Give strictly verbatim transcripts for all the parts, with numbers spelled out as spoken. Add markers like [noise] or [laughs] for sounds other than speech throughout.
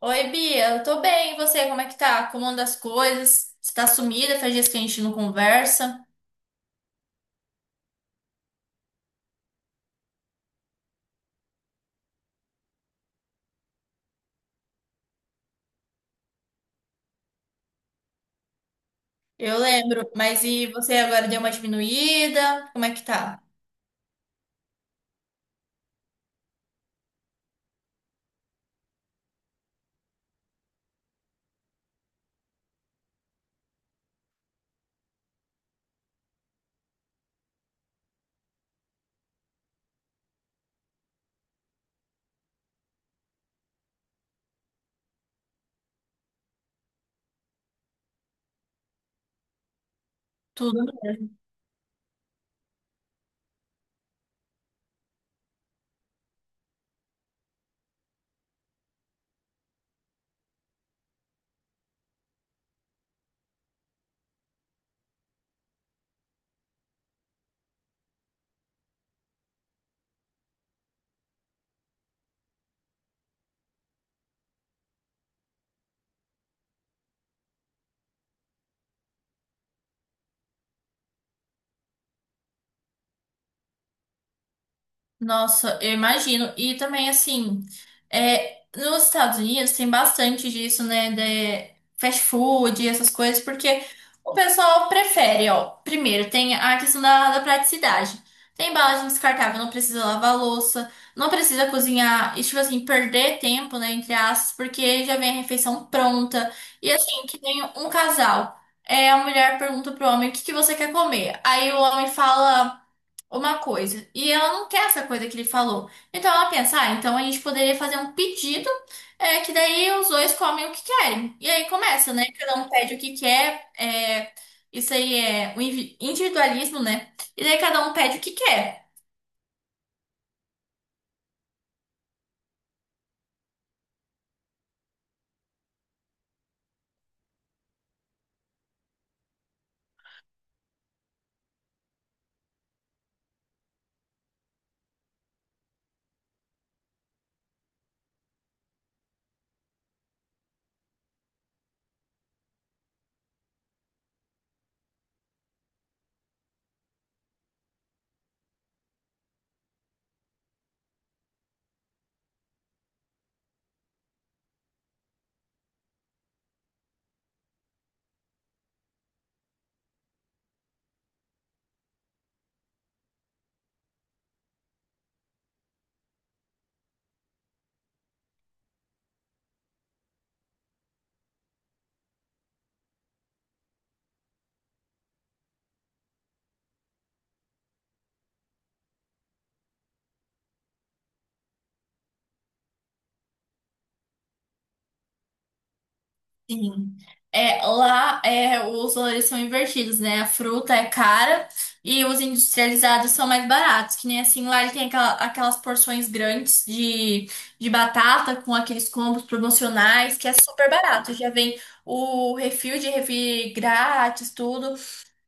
Oi, Bia, eu tô bem. E você, como é que tá? Como anda as coisas? Você tá sumida, faz dias que a gente não conversa. Eu lembro, mas e você agora deu uma diminuída? Como é que tá? Tudo. Nossa, eu imagino. E também, assim, é, nos Estados Unidos tem bastante disso, né? De fast food e essas coisas, porque o pessoal prefere, ó. Primeiro, tem a questão da, da praticidade. Tem embalagem descartável, não precisa lavar louça, não precisa cozinhar, e, tipo assim, perder tempo, né? Entre aspas, porque já vem a refeição pronta. E assim, que tem um casal. É, a mulher pergunta pro homem o que que você quer comer. Aí o homem fala uma coisa e ela não quer essa coisa que ele falou. Então ela pensa, ah, então a gente poderia fazer um pedido, é, que daí os dois comem o que querem. E aí começa, né? Cada um pede o que quer, é, isso aí é o invi- individualismo, né? E daí cada um pede o que quer. Sim. É, lá é, os valores são invertidos, né? A fruta é cara e os industrializados são mais baratos. Que nem assim, lá ele tem aquela- aquelas porções grandes de, de batata com aqueles combos promocionais, que é super barato. Já vem o refil de refri grátis, tudo.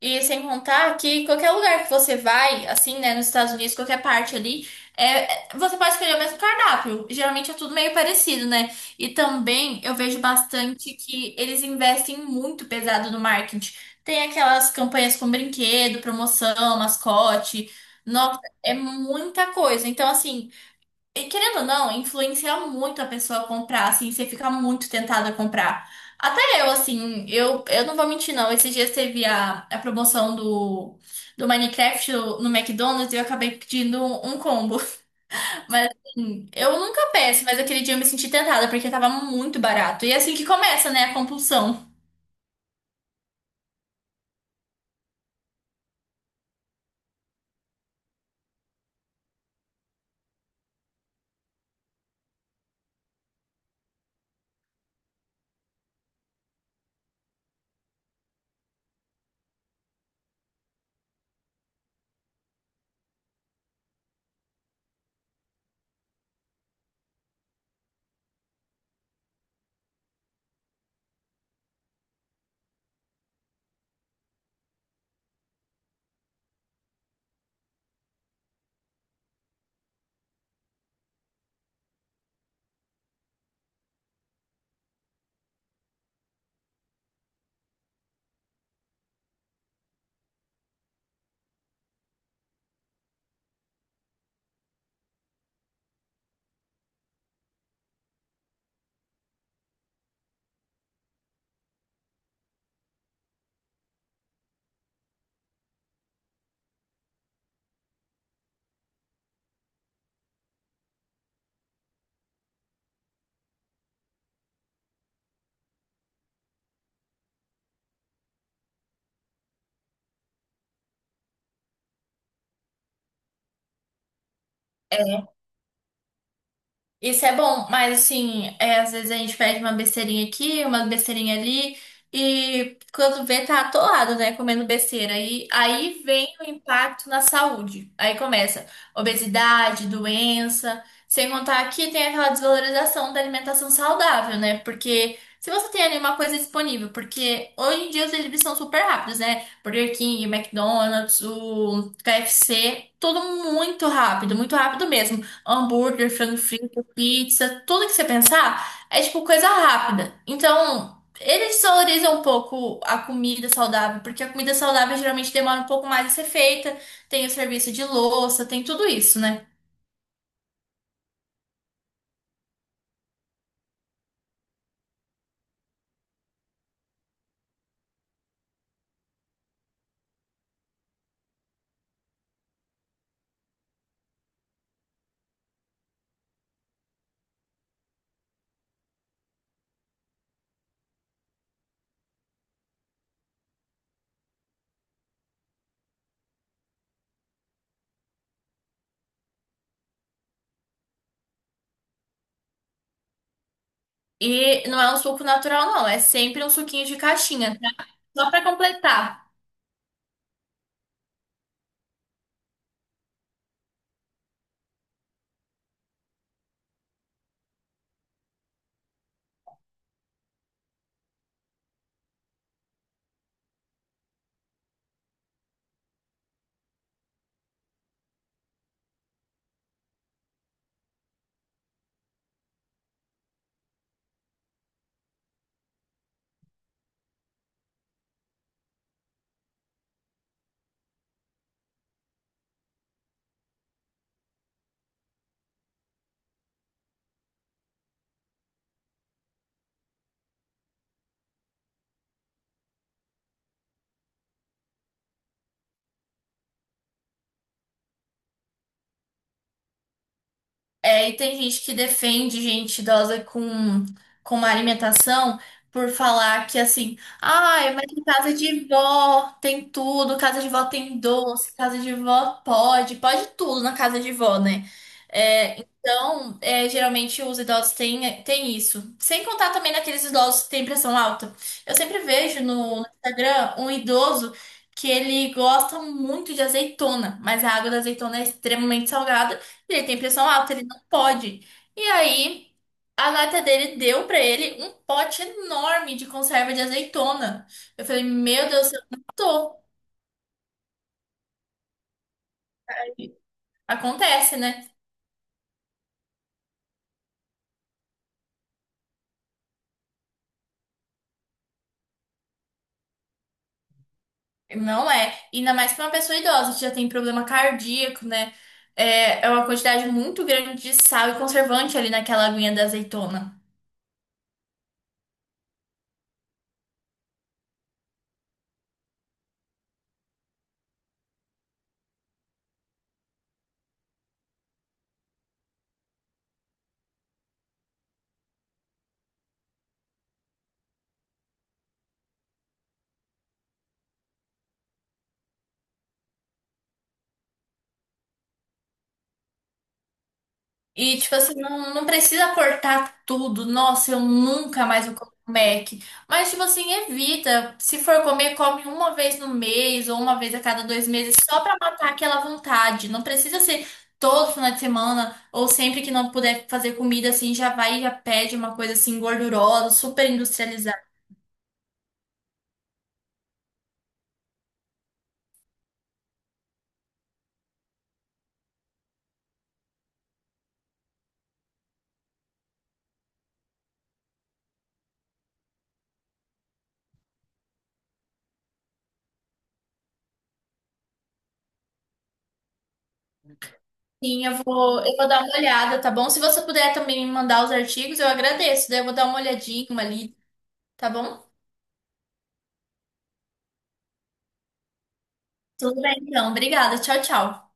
E sem contar que qualquer lugar que você vai, assim, né, nos Estados Unidos, qualquer parte ali, é, é- você pode escolher o mesmo cardápio. Geralmente é tudo meio parecido, né? E também eu vejo bastante que eles investem muito pesado no marketing. Tem aquelas campanhas com brinquedo, promoção, mascote. Nossa, é muita coisa. Então, assim. E querendo ou não, influencia muito a pessoa a comprar, assim, você fica muito tentada a comprar. Até eu, assim, eu, eu não vou mentir, não. Esses dias teve a, a promoção do, do Minecraft no, no McDonald's e eu acabei pedindo um combo. [laughs] Mas, assim, eu nunca peço, mas aquele dia eu me senti tentada porque tava muito barato. E é assim que começa, né, a compulsão. Isso é bom, mas assim, é, às vezes a gente pede uma besteirinha aqui, uma besteirinha ali, e quando vê, tá atolado, né? Comendo besteira. E aí vem o impacto na saúde. Aí começa obesidade, doença. Sem contar que tem aquela desvalorização da alimentação saudável, né? Porque se você tem ali uma coisa disponível, porque hoje em dia os deliveries são super rápidos, né? Burger King, McDonald's, o K F C, tudo muito rápido, muito rápido mesmo hambúrguer, frango frito pizza, tudo que você pensar é tipo coisa rápida. Então, eles desvalorizam um pouco a comida saudável, porque a comida saudável geralmente demora um pouco mais a ser feita, tem o serviço de louça, tem tudo isso, né? E não é um suco natural, não, é sempre um suquinho de caixinha, tá? Só pra completar. É, e tem gente que defende gente idosa com, com uma alimentação por falar que assim, ai, mas em casa de vó tem tudo, casa de vó tem doce, casa de vó pode, pode tudo na casa de vó, né? É, então, é, geralmente os idosos têm, têm isso. Sem contar também naqueles idosos que têm pressão alta. Eu sempre vejo no, no Instagram um idoso que ele gosta muito de azeitona, mas a água da azeitona é extremamente salgada. Ele tem pressão alta. Pode. E aí, a nata dele deu pra ele um pote enorme de conserva de azeitona. Eu falei, meu Deus, eu não tô. Acontece, né? Não é. Ainda mais pra uma pessoa idosa que já tem problema cardíaco, né? É, é uma quantidade muito grande de sal e conservante ali naquela aguinha da azeitona. E, tipo assim, não, não precisa cortar tudo. Nossa, eu nunca mais vou comer um Mac. Mas, tipo assim, evita. Se for comer, come uma vez no mês ou uma vez a cada dois meses, só pra matar aquela vontade. Não precisa ser todo final de semana ou sempre que não puder fazer comida, assim, já vai e já pede uma coisa assim gordurosa, super industrializada. Sim, eu vou, eu vou dar uma olhada, tá bom? Se você puder também me mandar os artigos, eu agradeço. Daí eu vou dar uma olhadinha ali, tá bom? Tudo bem, então. Obrigada. Tchau, tchau.